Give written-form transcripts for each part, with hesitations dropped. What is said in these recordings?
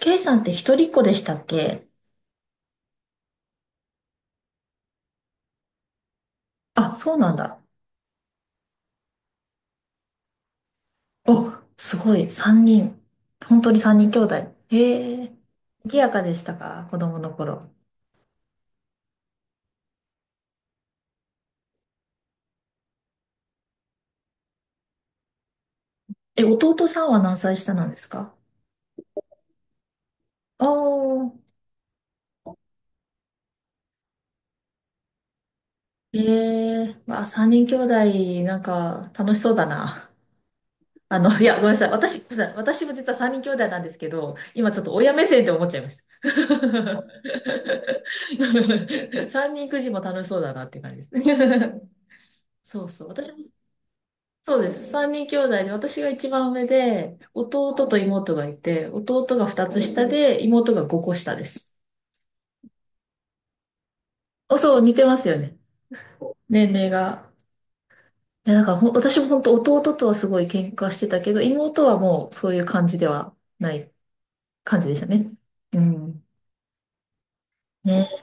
K さんって一人っ子でしたっけ？あ、そうなんだ。お、すごい。三人。本当に三人兄弟。へえ。賑やかでしたか、子供の頃。え、弟さんは何歳下なんですか？おー。ええ。まあ、三人兄弟、なんか、楽しそうだな。あの、いや、ごめんなさい。私、ごめんなさい。私も実は三人兄弟なんですけど、今ちょっと親目線って思っちゃいました。三人くじも楽しそうだなっていう感じですね。そうそう。私もそうです。三人兄弟で、私が一番上で、弟と妹がいて、弟が二つ下で、妹が五個下です。お、そう、似てますよね。年齢が。いや、だから私も本当、弟とはすごい喧嘩してたけど、妹はもうそういう感じではない感じでしたね。うん。ね。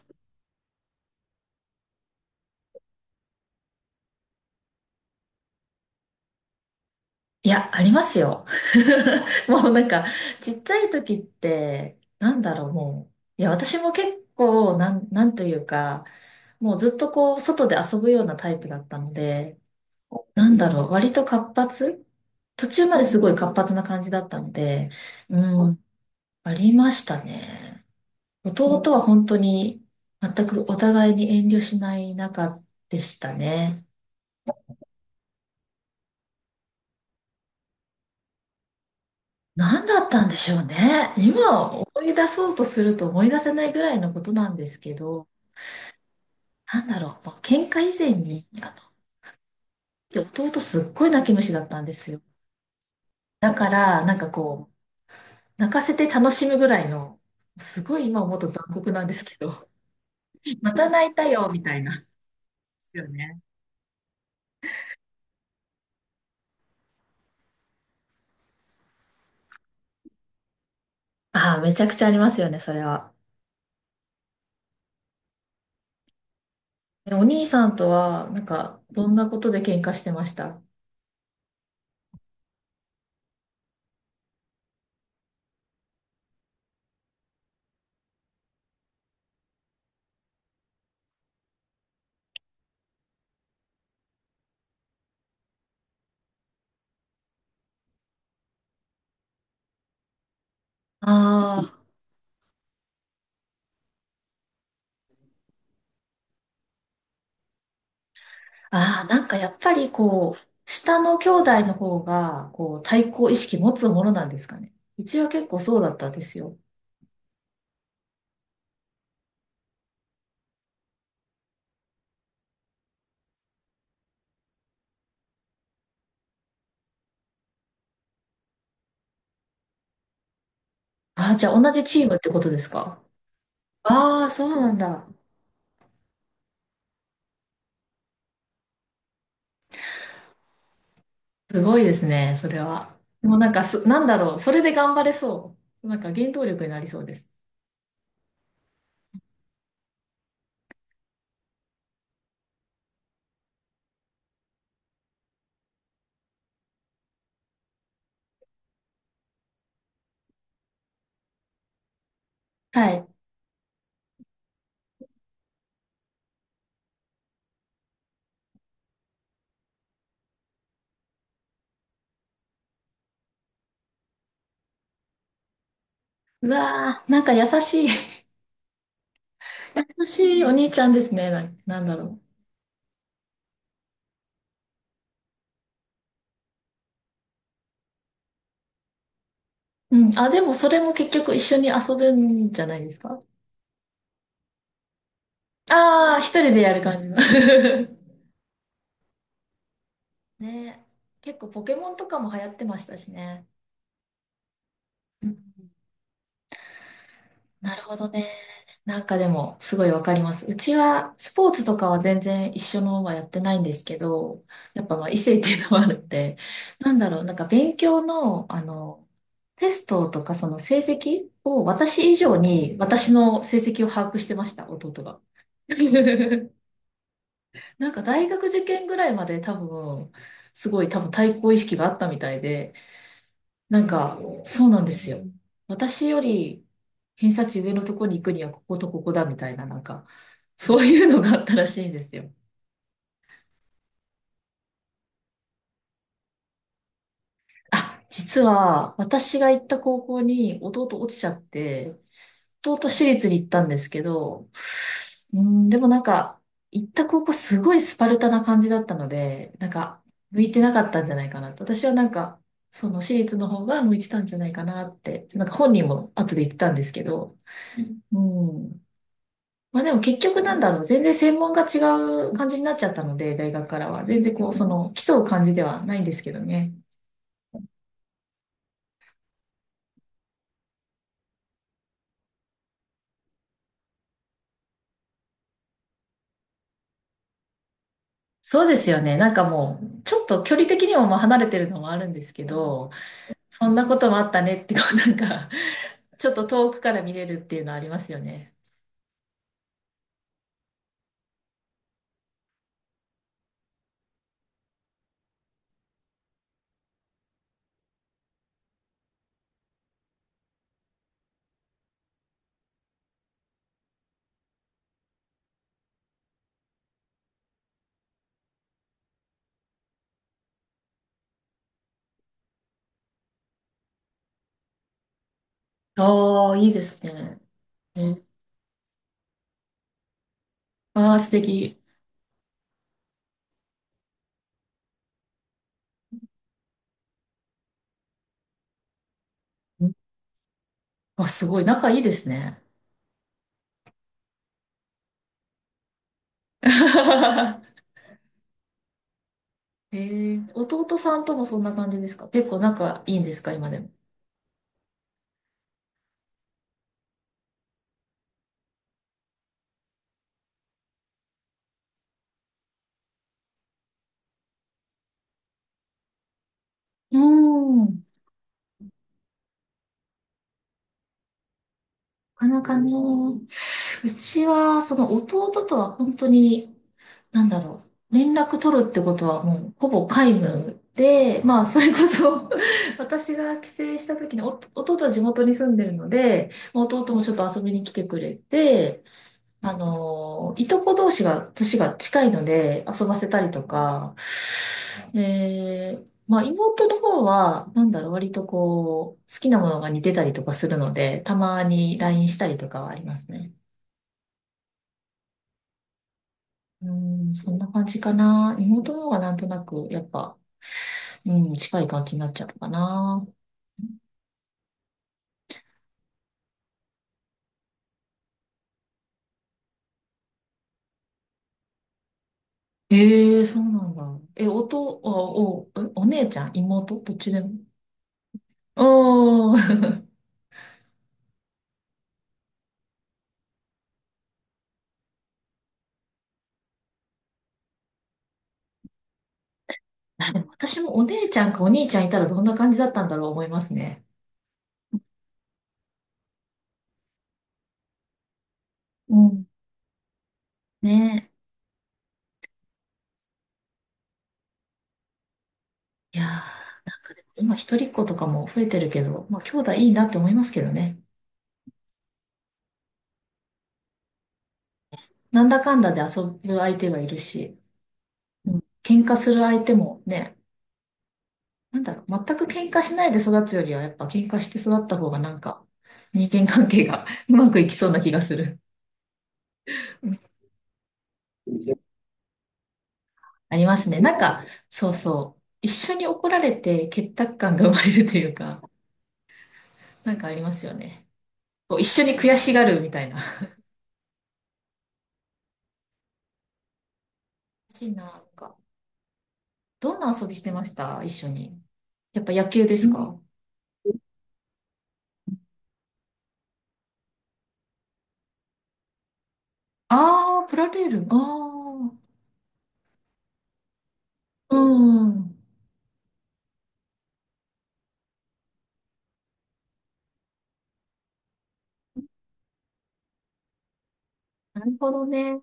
いや、ありますよ。もうなんか、ちっちゃい時って、なんだろう、もう。いや、私も結構、なんというか、もうずっとこう、外で遊ぶようなタイプだったので、なんだろう、割と活発、途中まですごい活発な感じだったので、うあん、ありましたね。弟は本当に全くお互いに遠慮しない仲でしたね。何だったんでしょうね。今思い出そうとすると思い出せないぐらいのことなんですけど、なんだろう、まあ喧嘩以前に、あの、弟すっごい泣き虫だったんですよ。だから、なんかこう、泣かせて楽しむぐらいの、すごい今思うと残酷なんですけど、また泣いたよ、みたいな。ですよね。ああ、めちゃくちゃありますよね、それは。え、お兄さんとは、なんか、どんなことで喧嘩してましたああ？ああ、なんかやっぱりこう、下の兄弟の方が、こう、対抗意識持つものなんですかね。うちは結構そうだったんですよ。ああ、じゃあ同じチームってことですか？ああ、そうなんだ。すごいですね、それは。もうなんかす、なんだろう、それで頑張れそう。なんか原動力になりそうです。はい。うわー、なんか優しい、優しいお兄ちゃんですね。なんだろう。うん。あ、でもそれも結局一緒に遊ぶんじゃないですか。ああ、一人でやる感じの。ね。結構ポケモンとかも流行ってましたしね。うん、なるほどね。なんかでも、すごいわかります。うちは、スポーツとかは全然一緒のはやってないんですけど、やっぱまあ異性っていうのもあるんで、なんだろう、なんか勉強の、あの、テストとかその成績を、私以上に私の成績を把握してました、弟が。なんか大学受験ぐらいまで多分、すごい多分対抗意識があったみたいで、なんか、そうなんですよ。私より偏差値上のとこに行くにはこことここだみたいな、なんか、そういうのがあったらしいんですよ。あ、実は私が行った高校に弟落ちちゃって、東私立に行ったんですけど、うん、でもなんか、行った高校すごいスパルタな感じだったので、なんか、向いてなかったんじゃないかなと。私はなんか、その私立の方が向いてたんじゃないかなって、なんか本人も後で言ってたんですけど、うん。まあでも結局なんだろう、全然専門が違う感じになっちゃったので、大学からは。全然こう、その、競う感じではないんですけどね。そうですよね。なんかもう、ちょっと距離的にもまあ離れてるのもあるんですけど、そんなこともあったねって、こうなんかちょっと遠くから見れるっていうのありますよね。ああ、いいですね。え、ああ、素敵。ん、あ、すごい。仲いいですね。えー、弟さんともそんな感じですか、結構仲いいんですか、今でも。うーん。なかなかね、うちは、その弟とは本当になんだろう。連絡取るってことはもうほぼ皆無で、まあそれこそ、 私が帰省した時にお弟は地元に住んでるので、まあ弟もちょっと遊びに来てくれて、あのー、いとこ同士が年が近いので遊ばせたりとか、えー、まあ妹の方はなんだろう、割とこう好きなものが似てたりとかするので、たまに LINE したりとかはありますね。うん、そんな感じかな。妹の方がなんとなくやっぱ、うん、近い感じになっちゃうのかな。ええ、そうなんだ。え、おと、お、お、お姉ちゃん、妹、どっちでも。うーん。あ、でも私もお姉ちゃんかお兄ちゃんいたらどんな感じだったんだろう思いますね。うん。ねえ。いやー、なんかでも今一人っ子とかも増えてるけど、まあ兄弟いいなって思いますけどね。なんだかんだで遊ぶ相手がいるし、うん、喧嘩する相手もね、なんだろう、全く喧嘩しないで育つよりは、やっぱ喧嘩して育った方がなんか、人間関係が うまくいきそうな気がする。うん、ありますね。なんか、そうそう。一緒に怒られて結託感が生まれるというか、なんかありますよね。こう一緒に悔しがるみたいな。嬉しいな、なんか。どんな遊びしてました、一緒に。やっぱ野球ですか？ああー、プラレール。ああ、うん。なるほどね。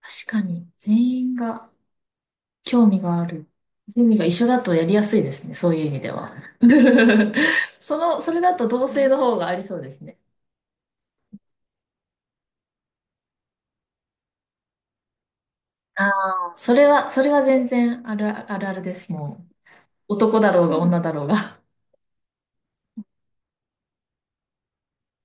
確かに、全員が。興味がある。趣味が一緒だとやりやすいですね。そういう意味では。その、それだと同性の方がありそうですね。ああ、それは、それは全然あるあるあるです。もう、男だろうが女だろうが。